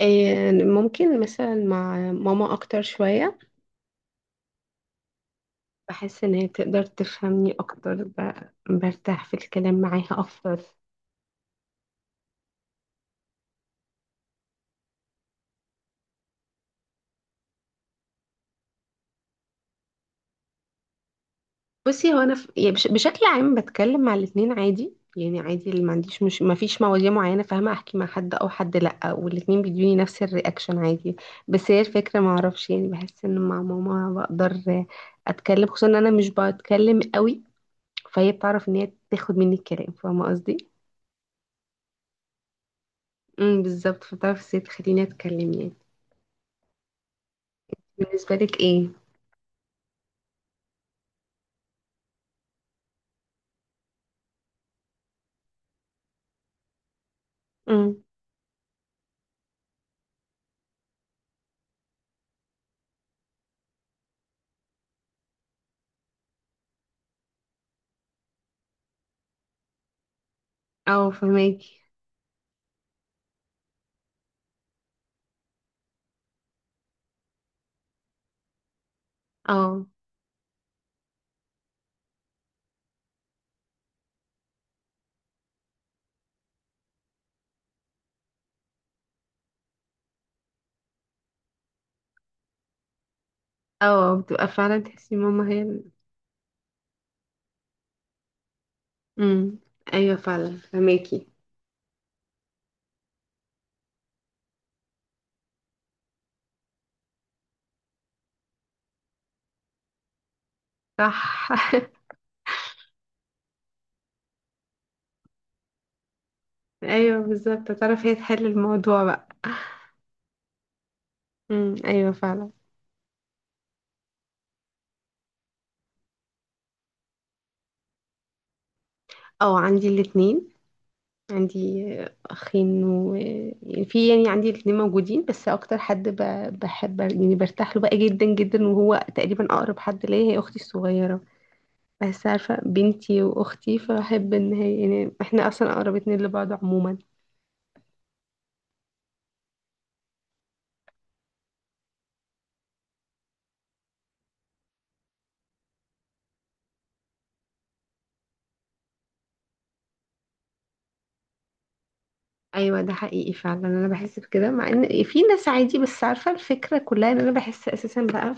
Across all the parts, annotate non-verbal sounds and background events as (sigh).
آه، ممكن مثلا مع ماما أكتر شوية. بحس إن هي تقدر تفهمني أكتر، برتاح في الكلام معاها أكتر. بصي، هو أنا بشكل عام بتكلم مع الاتنين عادي، يعني عادي، اللي ما عنديش مش ما فيش مواضيع معينة فاهمة أحكي مع حد أو حد لأ، والاتنين بيدوني نفس الرياكشن عادي. بس هي الفكرة ما أعرفش، يعني بحس إن مع ماما بقدر أتكلم، خصوصا إن أنا مش بتكلم قوي، فهي بتعرف إن هي تاخد مني الكلام، فاهمة قصدي؟ بالظبط، فبتعرف ازاي تخليني أتكلم يعني. بالنسبة لك ايه؟ امم. او، فهماكي. او، او بتبقى فعلا تحسي ماما هي امم، ايوه فعلا فهماكي. صح. (laughs) ايوه، بالظبط، تعرف هي تحل الموضوع بقى. امم، ايوه فعلا. او، عندي الاتنين. عندي اخين، و يعني في يعني عندي الاتنين موجودين، بس اكتر حد بحب، يعني برتاح له بقى جدا جدا، وهو تقريبا اقرب حد ليا، هي اختي الصغيرة. بس عارفة بنتي وأختي، فبحب إن هي، يعني إحنا أصلا أقرب اتنين لبعض عموما. أيوة، ده حقيقي فعلا، أنا بحس بكده، مع إن في ناس عادي، بس عارفة الفكرة كلها إن أنا بحس أساسا بقى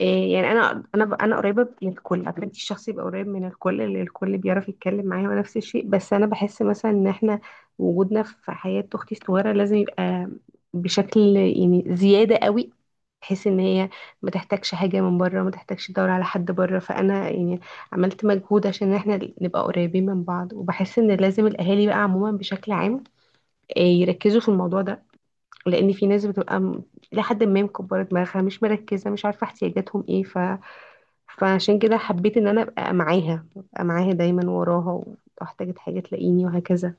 إيه، يعني أنا قريبة من الكل، أغلبية الشخص يبقى قريب من الكل، اللي الكل بيعرف يتكلم معاه، ونفس الشيء، بس أنا بحس مثلا إن إحنا وجودنا في حياة أختي الصغيرة لازم يبقى بشكل يعني زيادة قوي، بحيث ان هي ما تحتاجش حاجة من بره، ما تحتاجش تدور على حد بره. فانا يعني عملت مجهود عشان احنا نبقى قريبين من بعض، وبحس ان لازم الاهالي بقى عموما بشكل عام يركزوا في الموضوع ده، لان في ناس بتبقى لحد ما مكبرة دماغها، مش مركزة، مش عارفة احتياجاتهم ايه فعشان كده حبيت ان انا ابقى معاها، ابقى معاها دايما وراها، واحتاجت حاجة تلاقيني، وهكذا.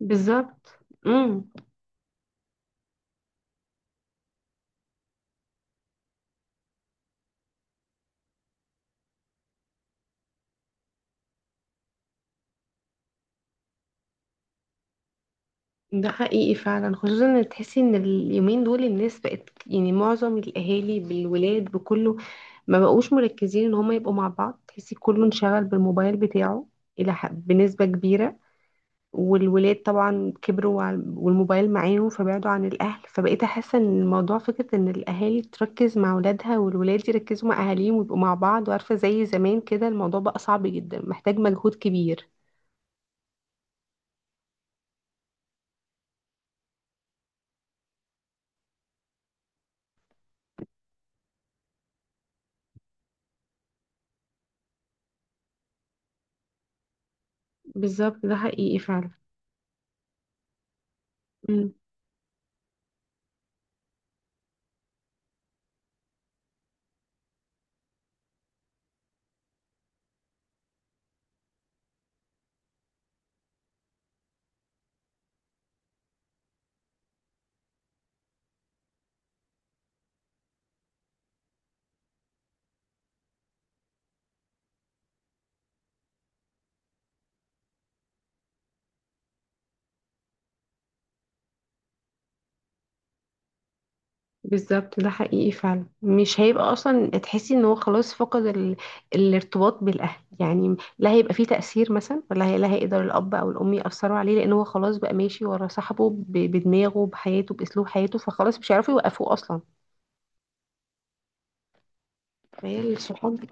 بالظبط. امم ده حقيقي فعلا، خصوصا ان تحسي ان اليومين دول الناس بقت، يعني معظم الاهالي بالولاد بكله ما بقوش مركزين ان هما يبقوا مع بعض، تحسي كله انشغل بالموبايل بتاعه الى بنسبة كبيرة، والولاد طبعا كبروا والموبايل معاهم فبعدوا عن الاهل، فبقيت احس ان الموضوع فكرة ان الاهالي تركز مع اولادها والولاد يركزوا مع اهاليهم ويبقوا مع بعض، وعارفة زي زمان كده، الموضوع بقى صعب جدا، محتاج مجهود كبير. بالظبط، ده حقيقي فعلا. بالظبط، ده حقيقي فعلا، مش هيبقى اصلا تحسي ان هو خلاص فقد الارتباط بالاهل، يعني لا هيبقى فيه تأثير مثلا، ولا لا هيقدر الاب او الام يأثروا عليه، لان هو خلاص بقى ماشي ورا صاحبه، بدماغه بحياته باسلوب حياته، فخلاص مش هيعرفوا يوقفوه اصلا. فهي الصحاب.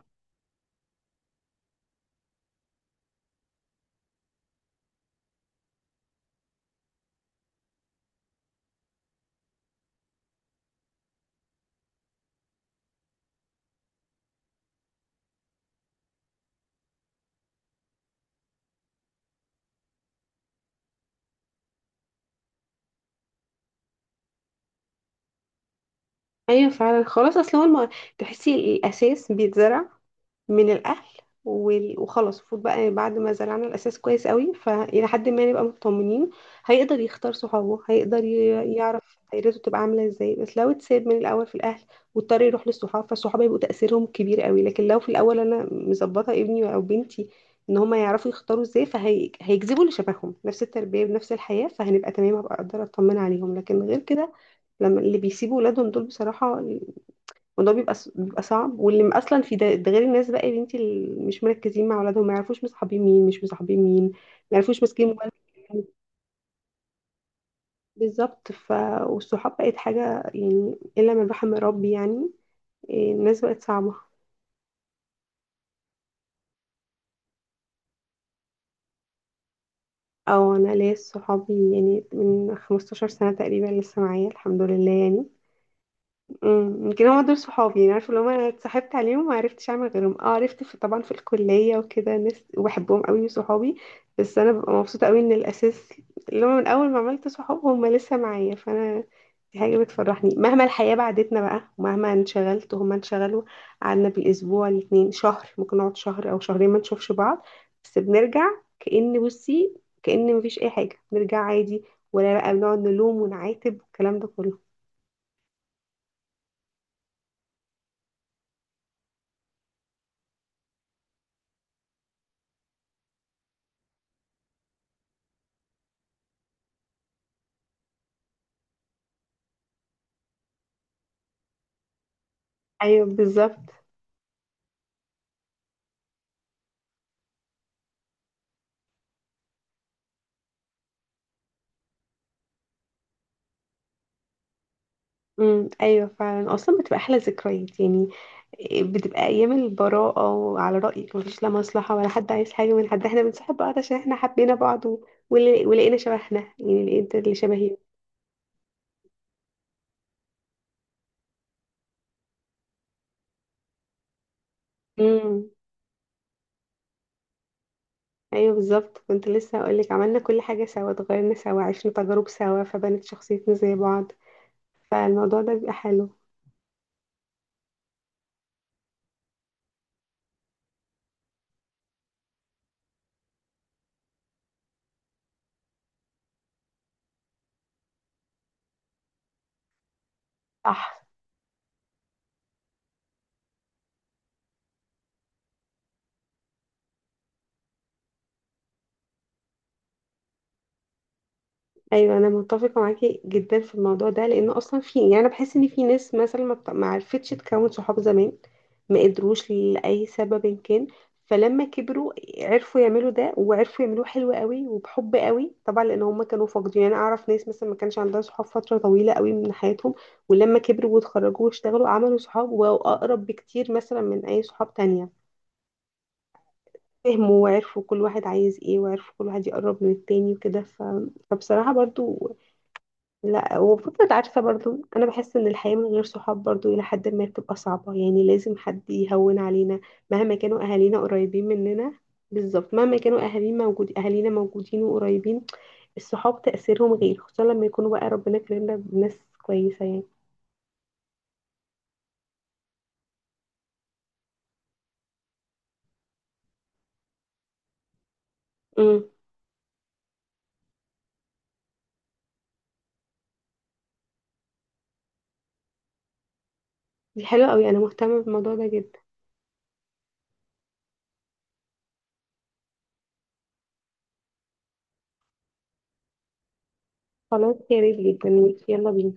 ايوه فعلا، خلاص اصل هو تحسي الاساس بيتزرع من الاهل، وخلاص المفروض بقى بعد ما زرعنا الاساس كويس قوي، فالى حد ما نبقى مطمنين، هيقدر يختار صحابه، هيقدر يعرف دايرته تبقى عامله ازاي، بس لو اتساب من الاول في الاهل، واضطر يروح للصحاب، فالصحاب هيبقوا تاثيرهم كبير قوي، لكن لو في الاول انا مظبطه ابني او بنتي ان هما يعرفوا يختاروا ازاي، فهيجذبوا اللي شبههم نفس التربيه بنفس الحياه، فهنبقى تمام، هبقى اقدر اطمن عليهم، لكن غير كده لما اللي بيسيبوا ولادهم دول بصراحه. وده بيبقى بيبقى صعب، اصلا في ده، ده غير الناس بقى يا بنتي اللي مش مركزين مع اولادهم، ما يعرفوش مصاحبين مين مش مصاحبين مين، ما يعرفوش ماسكين موبايل. (laughs) بالظبط، والصحاب بقت حاجه، يعني الا من رحم ربي يعني. إيه، الناس بقت صعبه. او، انا ليا صحابي يعني من 15 سنه تقريبا لسه معايا الحمد لله يعني. يمكن هما دول صحابي، يعني عارفه لو انا اتصاحبت عليهم ما عرفتش اعمل غيرهم، اه عرفت في طبعا في الكليه وكده ناس وبحبهم قوي صحابي، بس انا ببقى مبسوطه قوي ان الاساس اللي هو من اول ما عملت صحاب هم لسه معايا، فانا دي حاجه بتفرحني، مهما الحياه بعدتنا بقى، ومهما انشغلت وهما انشغلوا، قعدنا بالاسبوع الاتنين شهر، ممكن نقعد شهر او شهرين ما نشوفش بعض، بس بنرجع كأن بصي كأن مفيش اي حاجه، بنرجع عادي، ولا بقى بنقعد نلوم ونعاتب والكلام ده كله. ايوه بالظبط. امم، ايوه فعلا، اصلا بتبقى احلى ذكريات يعني، بتبقى ايام البراءه، وعلى رايك مفيش لا مصلحه ولا حد عايز حاجه من حد، احنا بنصاحب بعض عشان احنا حبينا بعض ولقينا شبهنا، يعني لقيت اللي شبهي. امم، ايوه بالظبط، كنت لسه هقول لك، عملنا كل حاجه سوا، اتغيرنا سوا، عشنا تجارب سوا، فبنت شخصيتنا زي بعض، فالموضوع ده بيبقى حلو. صح. ايوه، انا متفقه معاكي جدا في الموضوع ده، لان اصلا في، يعني انا بحس ان في ناس مثلا ما عرفتش تكون صحاب زمان، ما قدروش لاي سبب إن كان، فلما كبروا عرفوا يعملوا ده، وعرفوا يعملوه حلو قوي وبحب قوي طبعا، لان هم كانوا فاقدين، يعني انا اعرف ناس مثلا ما كانش عندها صحاب فتره طويله قوي من حياتهم، ولما كبروا واتخرجوا واشتغلوا عملوا صحاب واقرب بكتير مثلا من اي صحاب تانية، فهموا وعرفوا كل واحد عايز ايه، وعرفوا كل واحد يقرب من التاني وكده فبصراحه برضو. لا، وفكرة، عارفة برضو أنا بحس إن الحياة من غير صحاب برضو إلى حد ما بتبقى صعبة، يعني لازم حد يهون علينا مهما كانوا أهالينا قريبين مننا. بالظبط، مهما كانوا أهالينا موجودين وقريبين، الصحاب تأثيرهم غير، خصوصا لما يكونوا بقى ربنا كرمنا بناس كويسة يعني. امم دي حلوة أوي، أنا مهتمة بالموضوع ده جدا. خلاص، يا ريت جدا. يلا بينا.